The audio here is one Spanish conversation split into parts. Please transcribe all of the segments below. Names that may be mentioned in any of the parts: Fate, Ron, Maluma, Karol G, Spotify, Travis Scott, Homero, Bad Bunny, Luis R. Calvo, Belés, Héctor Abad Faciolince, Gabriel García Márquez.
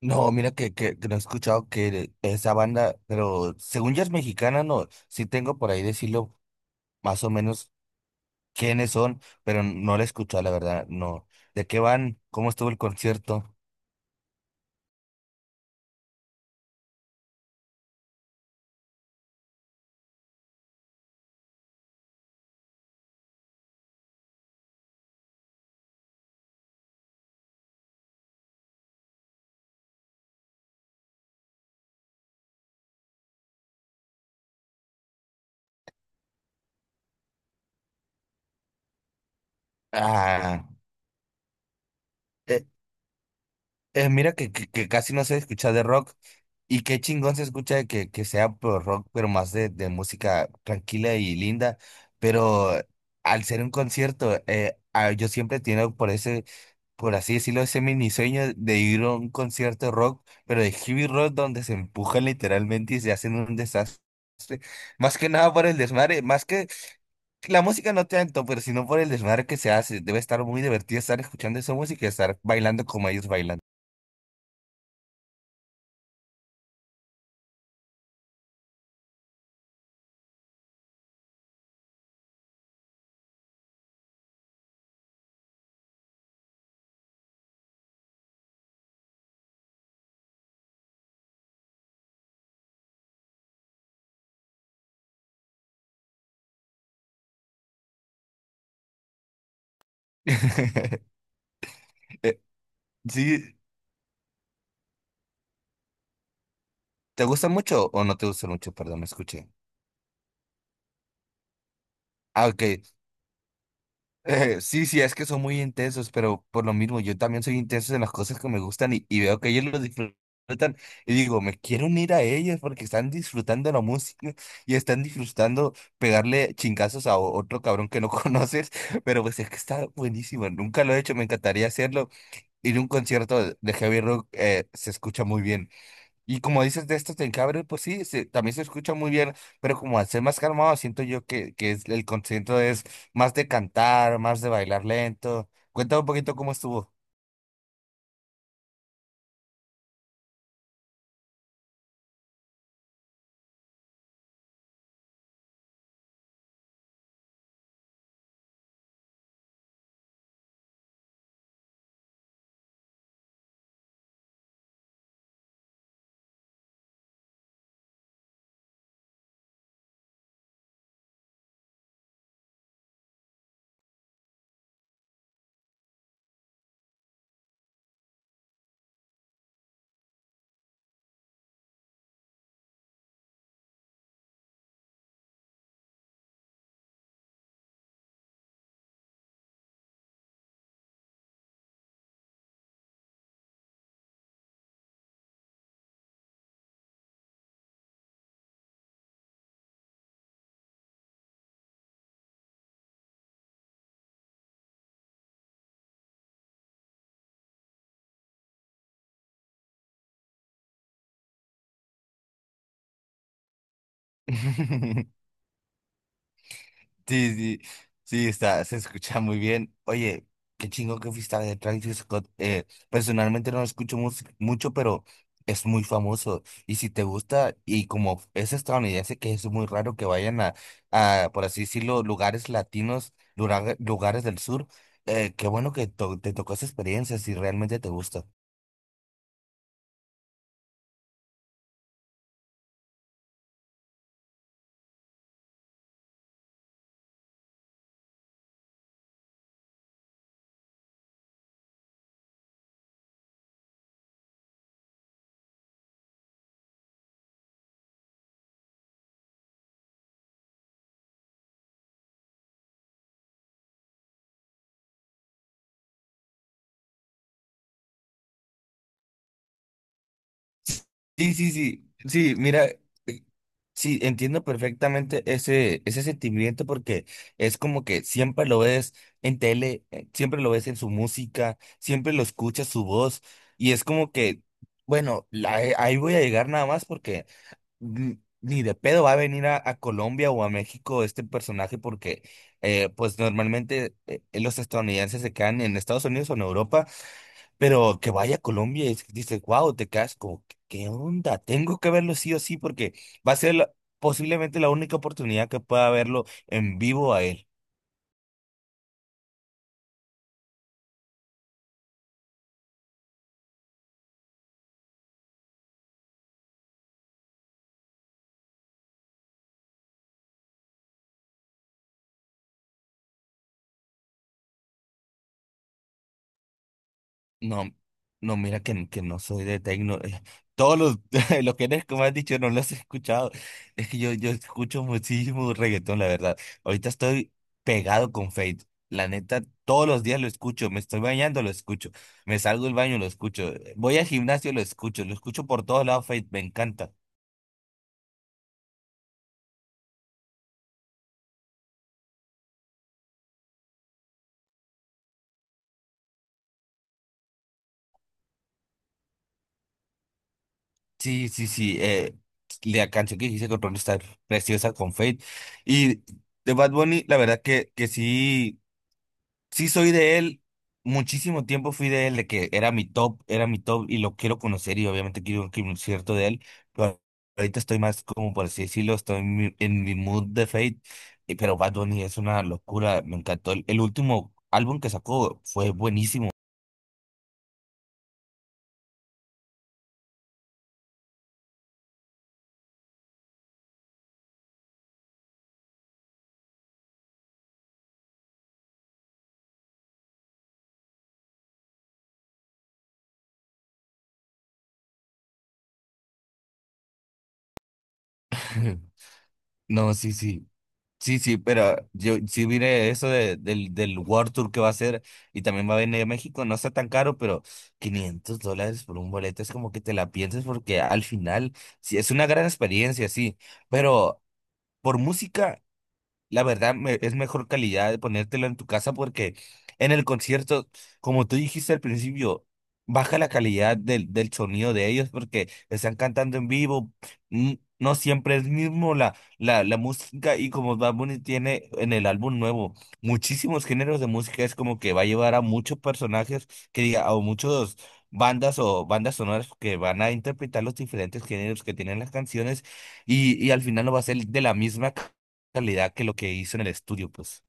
No, mira que no he escuchado que esa banda, pero según ya es mexicana, no, sí tengo por ahí decirlo más o menos quiénes son, pero no la he escuchado, la verdad, no. ¿De qué van? ¿Cómo estuvo el concierto? Ah, eh, mira que casi no se escucha de rock y qué chingón se escucha de que sea pro rock, pero más de música tranquila y linda. Pero al ser un concierto, yo siempre tengo por ese, por así decirlo, ese mini sueño de ir a un concierto de rock, pero de heavy rock donde se empujan literalmente y se hacen un desastre. Más que nada por el desmadre, más que la música no tanto, pero sino por el desmadre que se hace. Debe estar muy divertido estar escuchando esa música y estar bailando como ellos bailan. Eh, Sí, ¿te gustan mucho o no te gustan mucho? Perdón, me escuché. Ah, ok. Sí, sí, es que son muy intensos, pero por lo mismo, yo también soy intenso en las cosas que me gustan y veo que ellos lo disfrutan y digo, me quiero unir a ellos porque están disfrutando la música y están disfrutando pegarle chingazos a otro cabrón que no conoces, pero pues es que está buenísimo, nunca lo he hecho, me encantaría hacerlo. Ir a un concierto de heavy rock se escucha muy bien. Y como dices de estos del cabre, pues sí, también se escucha muy bien, pero como al ser más calmado, siento yo que el concierto es más de cantar, más de bailar lento. Cuéntame un poquito cómo estuvo. Sí, sí, sí, está, se escucha muy bien. Oye, qué chingo que fuiste a ver Travis Scott. Personalmente no lo escucho mucho, pero es muy famoso. Y si te gusta, y como es estadounidense, que es muy raro que vayan a, por así decirlo, lugares latinos, lugares del sur. Qué bueno que te tocó esa experiencia, si realmente te gusta. Sí, sí, sí, sí, mira. Sí, entiendo perfectamente ese sentimiento porque es como que siempre lo ves en tele, siempre lo ves en su música, siempre lo escuchas su voz y es como que, bueno, ahí voy a llegar nada más porque ni de pedo va a venir a, Colombia o a México este personaje porque pues normalmente los estadounidenses se quedan en Estados Unidos o en Europa, pero que vaya a Colombia y dices, wow, te quedas como, ¿qué onda? Tengo que verlo sí o sí porque va a ser posiblemente la única oportunidad que pueda verlo en vivo a él. No, no, mira que no soy de techno. Todos los, los géneros que me has dicho no los he escuchado. Es que yo escucho muchísimo reggaetón, la verdad. Ahorita estoy pegado con Fate. La neta, todos los días lo escucho. Me estoy bañando, lo escucho. Me salgo del baño, lo escucho. Voy al gimnasio, lo escucho. Lo escucho por todos lados, Fate. Me encanta. Sí, sí, sí. La canción que hice con Ron está preciosa con Fate. Y de Bad Bunny, la verdad que sí, sí soy de él. Muchísimo tiempo fui de él, de que era mi top y lo quiero conocer y obviamente quiero un concierto de él. Pero ahorita estoy más, como por así decirlo, estoy en mi mood de Fate. Pero Bad Bunny es una locura, me encantó. El último álbum que sacó fue buenísimo. No, sí, sí. Sí, sí, pero yo sí miré eso del World Tour que va a hacer y también va a venir a México, no está tan caro, pero $500 por un boleto es como que te la piensas porque al final sí es una gran experiencia, sí, pero por música la verdad, es mejor calidad de ponértelo en tu casa porque en el concierto, como tú dijiste al principio, baja la calidad del sonido de ellos porque están cantando en vivo. mm, No siempre es mismo la música y como Bad Bunny tiene en el álbum nuevo muchísimos géneros de música, es como que va a llevar a muchos personajes que diga, o muchos bandas o bandas sonoras que van a interpretar los diferentes géneros que tienen las canciones y al final no va a ser de la misma calidad que lo que hizo en el estudio, pues.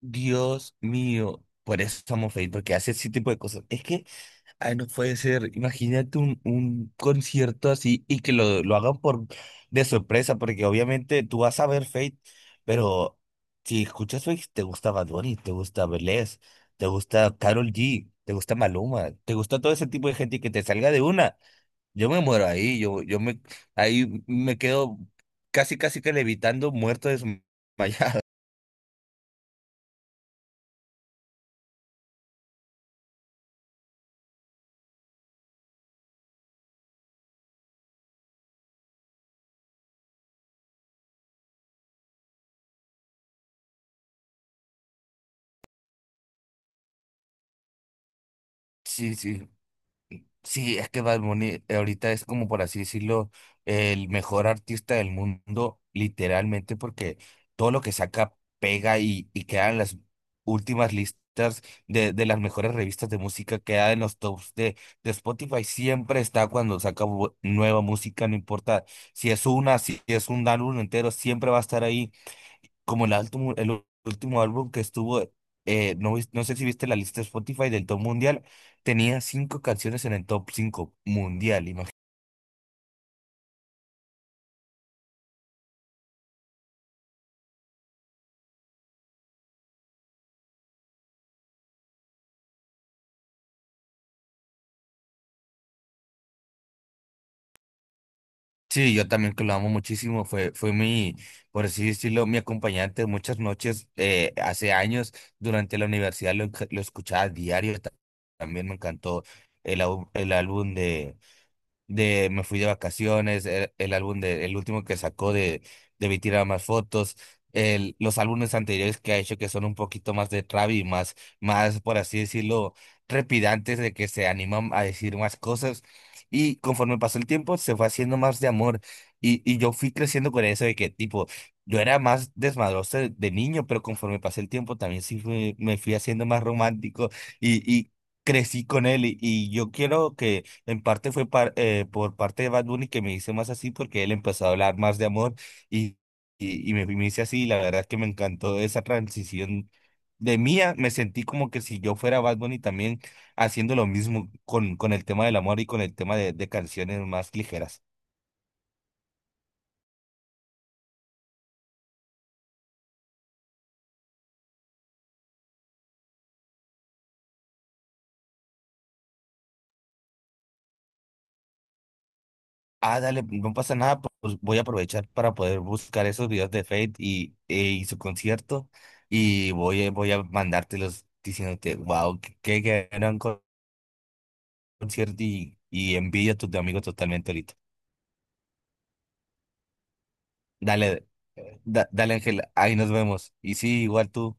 Dios mío, por eso estamos felices, porque hace ese tipo de cosas. Es que, ay, no puede ser. Imagínate un concierto así y que lo hagan por de sorpresa, porque obviamente tú vas a ver Fate, pero si escuchas Fate, te gusta Bad Bunny, te gusta Belés, te gusta Karol G, te gusta Maluma, te gusta todo ese tipo de gente y que te salga de una. Yo me muero ahí, ahí me quedo casi, casi que levitando, muerto, desmayado. Sí, sí, sí, es que Bad Bunny ahorita es como por así decirlo, el mejor artista del mundo, literalmente, porque todo lo que saca pega y queda en las últimas listas de las mejores revistas de música, queda en los tops de Spotify, siempre está cuando saca nueva música, no importa si es una, si es un álbum entero, siempre va a estar ahí como el último álbum que estuvo. No, no sé si viste la lista de Spotify del top mundial, tenía cinco canciones en el top 5 mundial, imagínate. Sí, yo también que lo amo muchísimo, fue mi, por así decirlo, mi acompañante de muchas noches, hace años, durante la universidad lo escuchaba diario, también me encantó el álbum de Me fui de vacaciones, el álbum de, el último que sacó de, Vi tirar más fotos, los álbumes anteriores que ha hecho que son un poquito más de trap y más, más, por así decirlo, trepidantes de que se animan a decir más cosas. Y conforme pasó el tiempo, se fue haciendo más de amor. Y yo fui creciendo con eso de que, tipo, yo era más desmadroso de niño, pero conforme pasé el tiempo también sí me fui haciendo más romántico y crecí con él. Y yo quiero que en parte fue por parte de Bad Bunny que me hice más así porque él empezó a hablar más de amor y, y me hice así. Y la verdad es que me encantó esa transición de mía. Me sentí como que si yo fuera Bad Bunny también haciendo lo mismo con el tema del amor y con el tema de canciones más ligeras. Ah, dale, no pasa nada, pues voy a aprovechar para poder buscar esos videos de Fate y su concierto y voy a mandártelos diciéndote, wow, qué gran concierto y envidia a tus amigos totalmente ahorita. Dale, dale Ángel, ahí nos vemos. Y sí, igual tú.